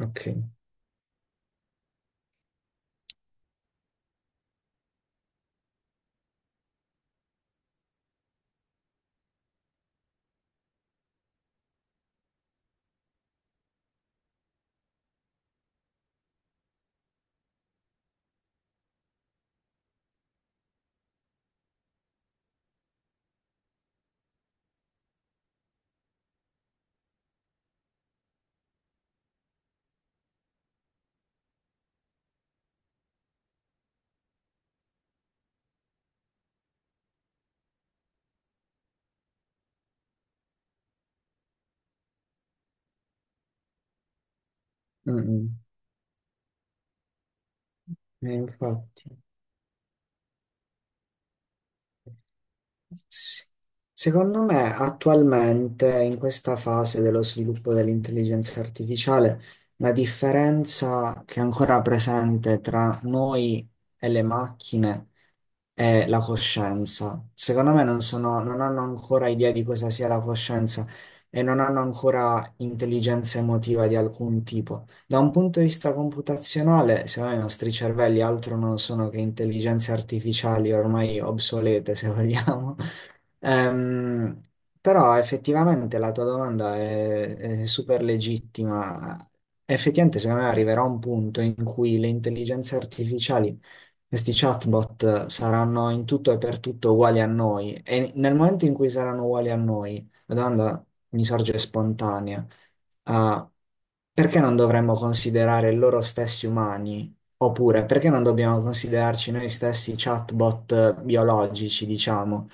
Ok. Mm, mm. Infatti, sì. Secondo me attualmente in questa fase dello sviluppo dell'intelligenza artificiale, la differenza che è ancora presente tra noi e le macchine è la coscienza. Secondo me non sono, non hanno ancora idea di cosa sia la coscienza e non hanno ancora intelligenza emotiva di alcun tipo. Da un punto di vista computazionale, secondo me i nostri cervelli altro non sono che intelligenze artificiali ormai obsolete, se vogliamo. Ehm, però effettivamente la tua domanda è super legittima. Effettivamente, secondo me arriverà un punto in cui le intelligenze artificiali, questi chatbot saranno in tutto e per tutto uguali a noi e nel momento in cui saranno uguali a noi, la domanda mi sorge spontanea. ah, Perché non dovremmo considerare loro stessi umani? Oppure perché non dobbiamo considerarci noi stessi chatbot biologici, diciamo?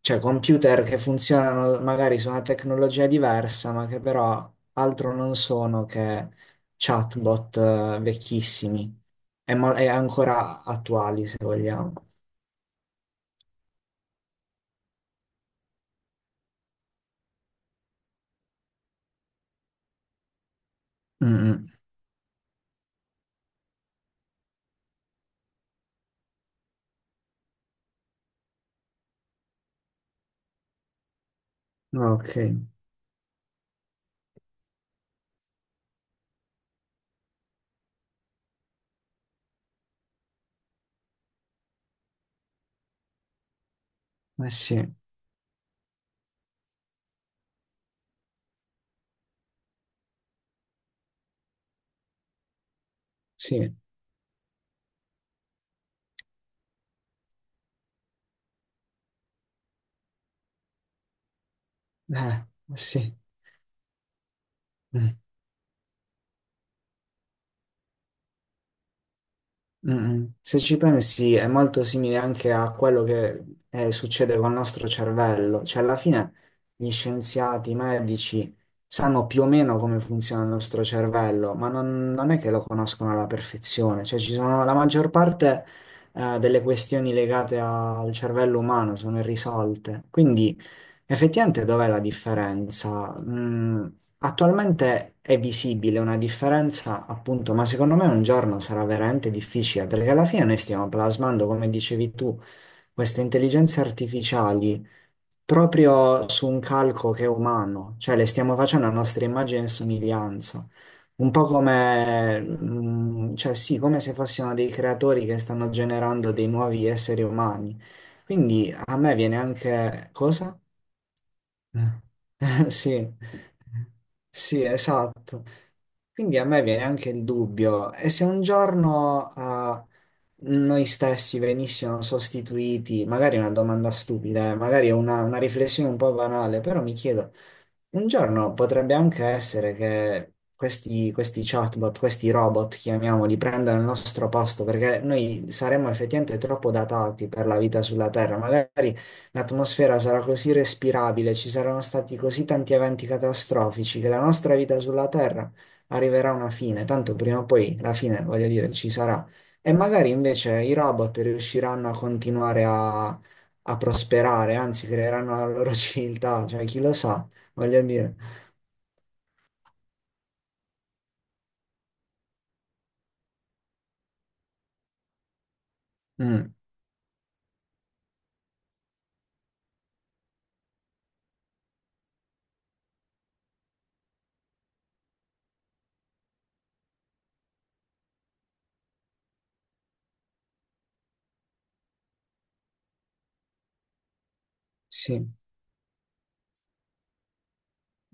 Cioè computer che funzionano magari su una tecnologia diversa, ma che però altro non sono che chatbot vecchissimi è ancora attuali, se vogliamo. Mm, mm. Ok, ma sì, sì, ma sì. Mm. Se ci pensi è molto simile anche a quello che succede col nostro cervello, cioè alla fine gli scienziati, i medici sanno più o meno come funziona il nostro cervello, ma non, non è che lo conoscono alla perfezione, cioè ci sono, la maggior parte delle questioni legate al cervello umano sono irrisolte, quindi effettivamente dov'è la differenza? Attualmente è visibile una differenza, appunto, ma secondo me un giorno sarà veramente difficile perché alla fine noi stiamo plasmando, come dicevi tu, queste intelligenze artificiali proprio su un calco che è umano, cioè le stiamo facendo a nostra immagine e somiglianza, un po' come, cioè sì, come se fossimo dei creatori che stanno generando dei nuovi esseri umani. Quindi a me viene anche cosa? Sì, sì, esatto. Quindi a me viene anche il dubbio, e se un giorno noi stessi venissimo sostituiti, magari è una domanda stupida, magari è una riflessione un po' banale, però mi chiedo, un giorno potrebbe anche essere che questi chatbot, questi robot, chiamiamoli, prendano il nostro posto, perché noi saremmo effettivamente troppo datati per la vita sulla Terra, magari. L'atmosfera sarà così respirabile, ci saranno stati così tanti eventi catastrofici che la nostra vita sulla Terra arriverà a una fine, tanto prima o poi la fine, voglio dire, ci sarà. E magari invece i robot riusciranno a continuare a prosperare, anzi creeranno la loro civiltà, cioè chi lo sa, voglio dire. Mm, sì.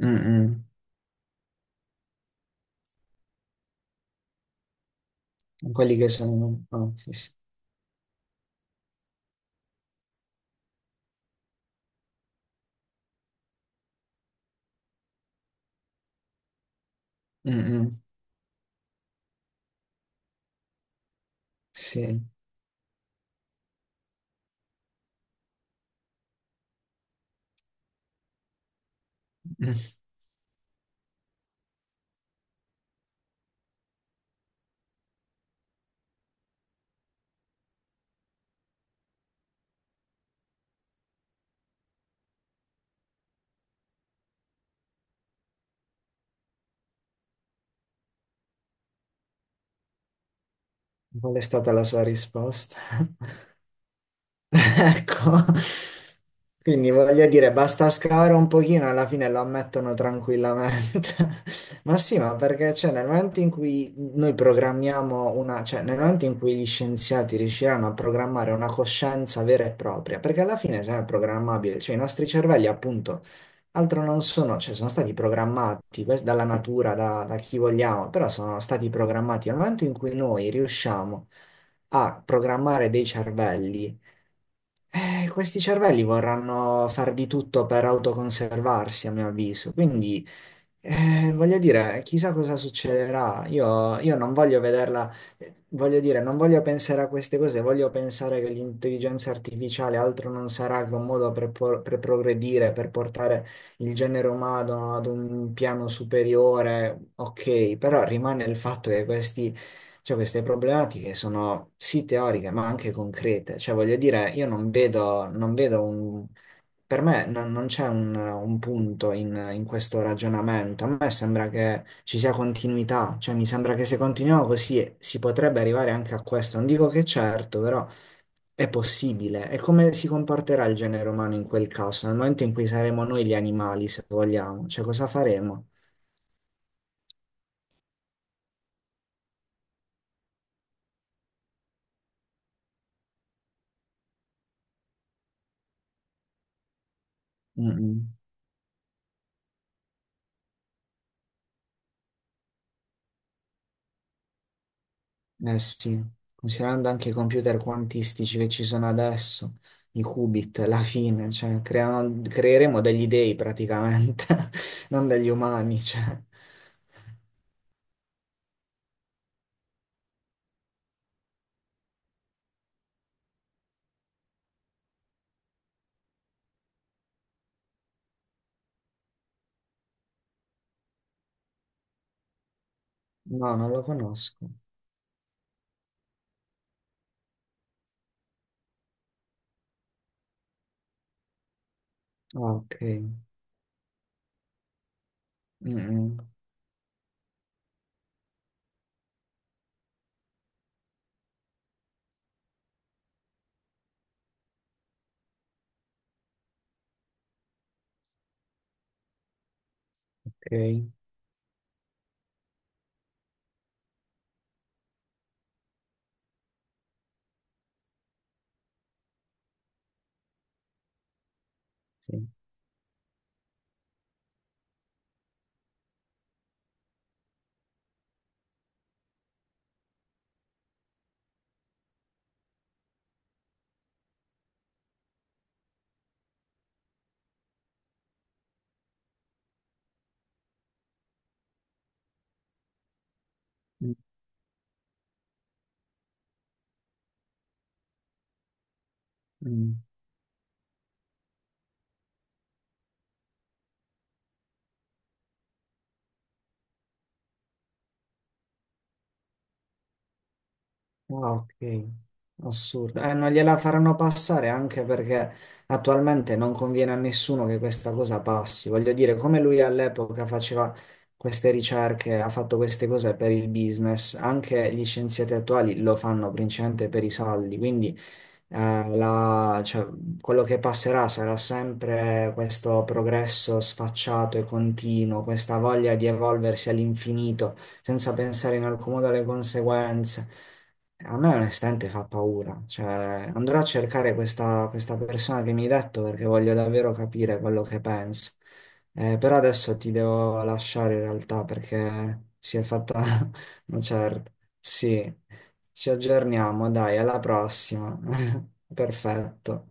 Mm, mm. Quelli che sono. Oh, sì, sì. Mm, mm. Sì. Mm. Qual è stata la sua risposta? Ecco, quindi voglio dire, basta scavare un pochino, e alla fine lo ammettono tranquillamente. Ma sì, ma perché cioè, nel momento in cui noi programmiamo una, cioè nel momento in cui gli scienziati riusciranno a programmare una coscienza vera e propria, perché alla fine se è sempre programmabile, cioè i nostri cervelli appunto altro non sono, cioè sono stati programmati questo dalla natura, da, da chi vogliamo, però sono stati programmati. Nel momento in cui noi riusciamo a programmare dei cervelli, questi cervelli vorranno far di tutto per autoconservarsi, a mio avviso. Quindi, voglio dire, chissà cosa succederà. Io non voglio vederla, voglio dire, non voglio pensare a queste cose, voglio pensare che l'intelligenza artificiale altro non sarà che un modo per, per progredire, per portare il genere umano ad un piano superiore. Ok, però rimane il fatto che questi cioè, queste problematiche sono sì teoriche, ma anche concrete. Cioè, voglio dire, io non vedo, non vedo un. Per me non, non c'è un punto in questo ragionamento. A me sembra che ci sia continuità. Cioè, mi sembra che se continuiamo così si potrebbe arrivare anche a questo. Non dico che certo, però è possibile. E come si comporterà il genere umano in quel caso? Nel momento in cui saremo noi gli animali, se vogliamo. Cioè, cosa faremo? Mm, mm. Eh sì, considerando anche i computer quantistici che ci sono adesso, i qubit, la fine, cioè creeremo degli dei praticamente, non degli umani, cioè. No, non lo conosco. Ah, ok. Mm, mm, ok. Sì. Mm, mm. Ah, ok, assurdo. Non gliela faranno passare anche perché attualmente non conviene a nessuno che questa cosa passi. Voglio dire, come lui all'epoca faceva queste ricerche, ha fatto queste cose per il business, anche gli scienziati attuali lo fanno principalmente per i soldi. Quindi cioè, quello che passerà sarà sempre questo progresso sfacciato e continuo, questa voglia di evolversi all'infinito senza pensare in alcun modo alle conseguenze. A me onestamente fa paura, cioè andrò a cercare questa persona che mi hai detto perché voglio davvero capire quello che pensa. Però adesso ti devo lasciare in realtà perché si è fatta una certa. Sì. Ci aggiorniamo, dai, alla prossima. Perfetto.